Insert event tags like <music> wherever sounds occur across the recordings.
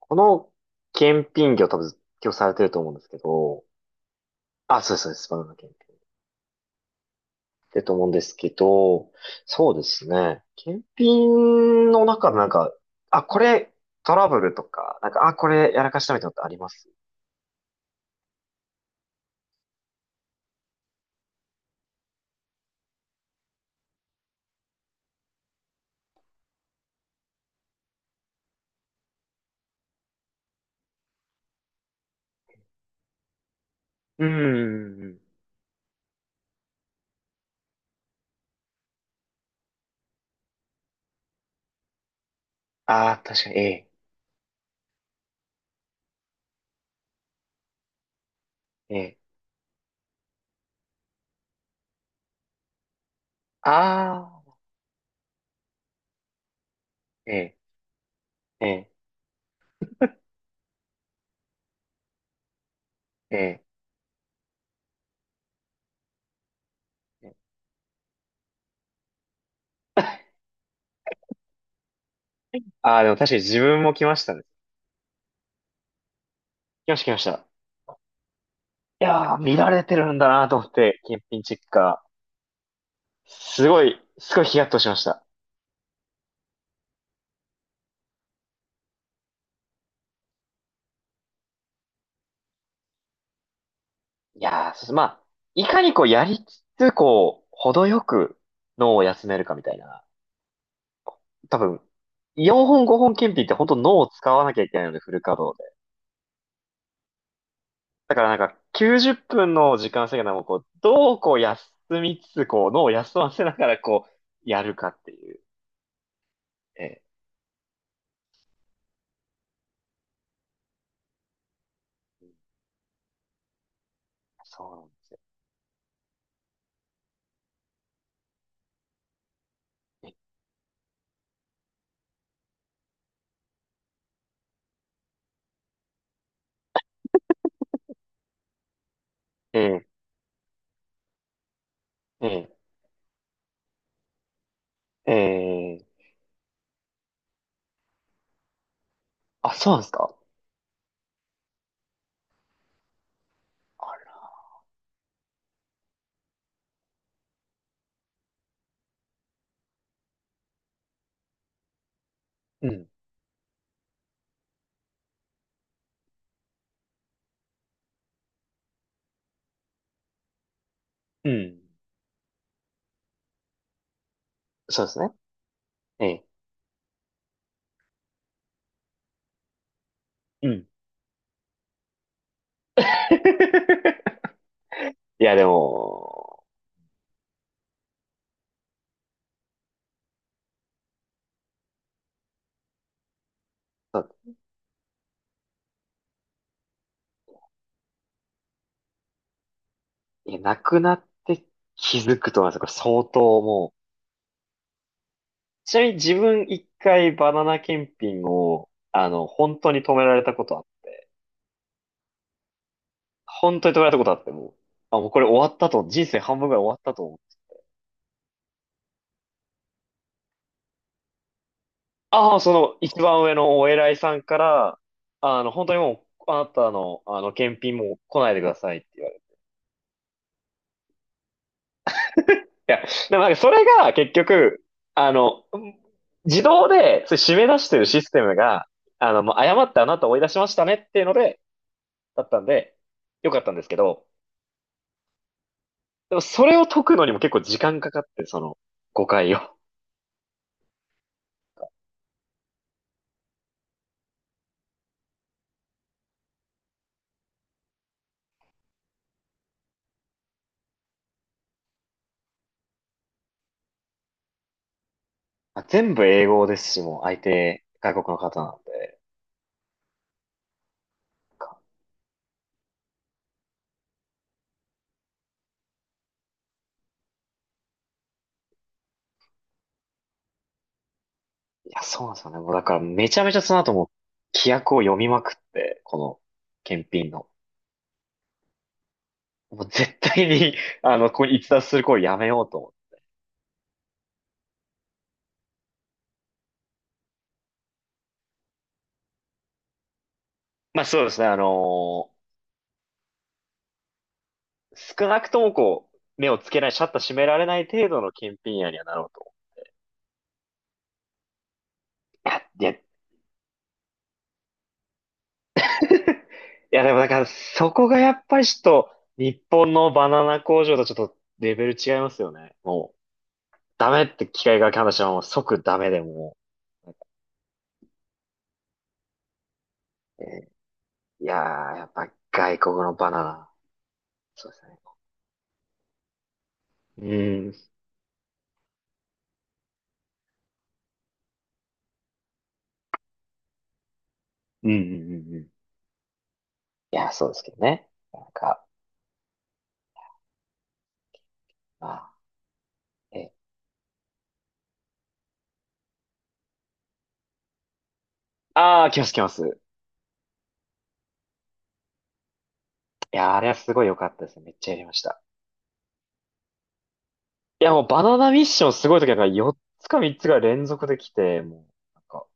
この検品業多分今日されてると思うんですけど、あ、そうです、そうです、バナナ検品。ってと思うんですけど、そうですね。検品の中でなんか、あ、これトラブルとか、なんか、あ、これやらかしたみたいなのってあります？うーん。あー、確かに、ええ、ええ。あー、ええ、ええ、ええ。<laughs> ああ、でも確かに自分も来ましたね。来ました、来ました。いやー、見られてるんだなと思って、検品チェッカー。すごい、すごいヒヤッとしました。いやー、そうす。まあ、いかにこうやりつつ、こう、程よく脳を休めるかみたいな。多分、4本5本検品って本当脳を使わなきゃいけないので、フル稼働で。だからなんか、90分の時間制限でもこう、どうこう休みつつ、こう、脳を休ませながらこう、やるかっていう。ええ、うんそうなんですよ。ええ、ええ、ええ、あ、そうなんですか？あれうん、うん。そうですね。ええ、うん。<laughs> いや、でも、いや、なくなって気づくと思います。これ相当もう。ちなみに自分一回バナナ検品を、あの、本当に止められたことあって、本当に止められたことあって、もう、あ、もうこれ終わったと、人生半分ぐらい終わったと思って。ああ、その一番上のお偉いさんから、あの、本当にもう、あなたの、あの、検品もう来ないでくださいって言われて。いや、でもなんかそれが結局、あの、うん自動で、それ締め出してるシステムが、あの、もう誤ってあなたを追い出しましたねっていうので、だったんで、よかったんですけど、でもそれを解くのにも結構時間かかって、その誤解を。まあ全部英語ですし、もう相手外国の方なんで。なんかいや、そうなんですよね。もうだからめちゃめちゃその後も規約を読みまくって、この検品の。もう絶対に <laughs> あの、ここに逸脱する行為やめようと思って。まあそうですね、少なくともこう、目をつけない、シャッター閉められない程度の検品屋にはなろうと。いや、いやいや、でもだから、そこがやっぱりちょっと、日本のバナナ工場とちょっとレベル違いますよね。もう、ダメって機械が話したらもう即ダメでもう、えーいやー、やっぱ外国のバナナ、そうですね。うん、うん、うん、うんうん。いや、そうですけどね。なんか、まあ、えー、あー、来ます来ます。いやー、あれはすごい良かったですね。めっちゃやりました。いや、もうバナナミッションすごい時はなんか4つか3つが連続できて、もう、なんか、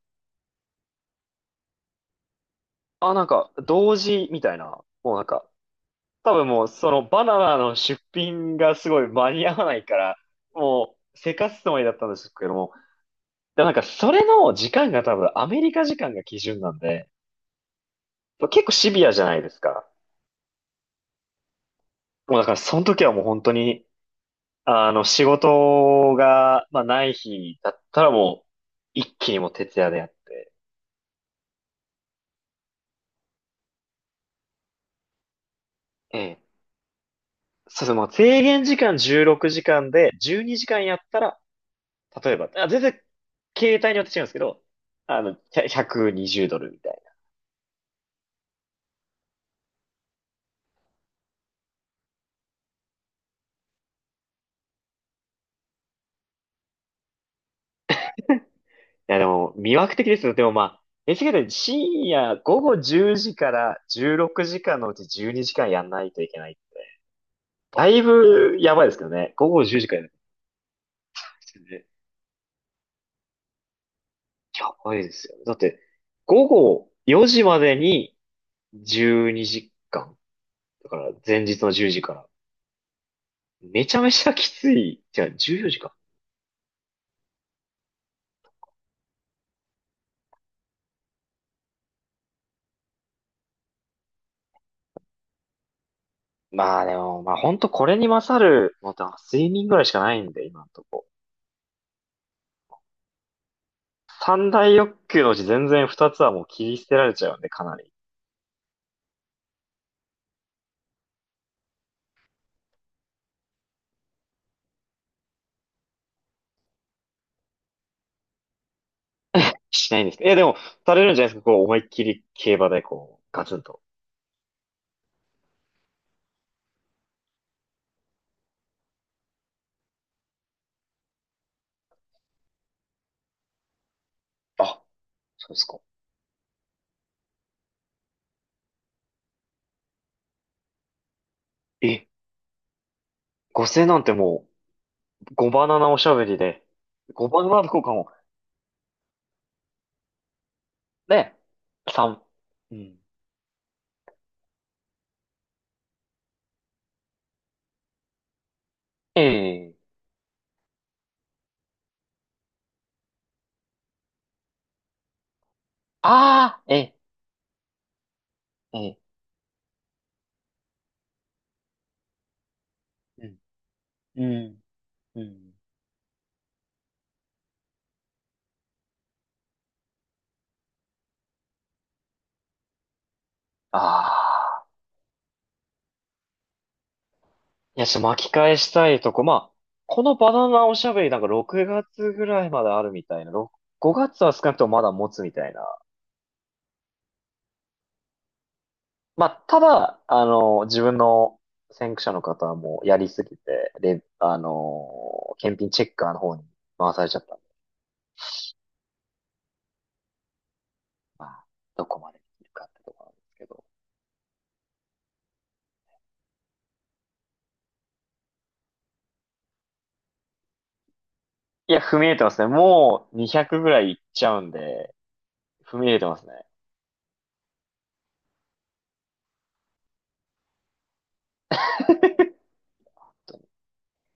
あ、なんか、同時みたいな、もうなんか、多分もう、そのバナナの出品がすごい間に合わないから、もう、せかすつもりだったんですけども、でもなんか、それの時間が多分アメリカ時間が基準なんで、結構シビアじゃないですか。もうだから、その時はもう本当に、あの、仕事が、まあ、ない日だったらもう、一気にもう徹夜でやって、ええ。そうですね、もう制限時間16時間で、12時間やったら、例えば、あ、全然、携帯によって違うんですけど、あの、100 120ドルみたいな。や、でも、魅惑的ですよ。でもまあ、え h k で深夜午後10時から16時間のうち12時間やんないといけないって。だいぶやばいですけどね。午後10時からやんないといけないですよね？やばいですよね。だって、午後4時までに12時間。だから前日の10時から。めちゃめちゃきつい。じゃあ14時間。まあでも、まあ本当これに勝るのって睡眠ぐらいしかないんで、今のとこ。三大欲求のうち全然二つはもう切り捨てられちゃうんで、かなり。しないんですか？いや、でも、されるんじゃないですか？こう、思いっきり競馬でこう、ガツンと。あ、そうですか。え、5000なんてもう、5バナナおしゃべりで、5バナナ交換を、ね、3、うん、ええああ、ええ、ええ、うん、うん、うん。ああ。いや、ちょっと巻き返したいとこ、まあ、このバナナおしゃべりなんか6月ぐらいまであるみたいな、5月は少なくともまだ持つみたいな。まあ、ただ、あの、自分の先駆者の方はもうやりすぎて、で、あの、検品チェッカーの方に回されちゃったんで、まあ、どこまでできるかってところなんですけど。いや、踏み入れてますね。もう200ぐらいいっちゃうんで、踏み入れてますね。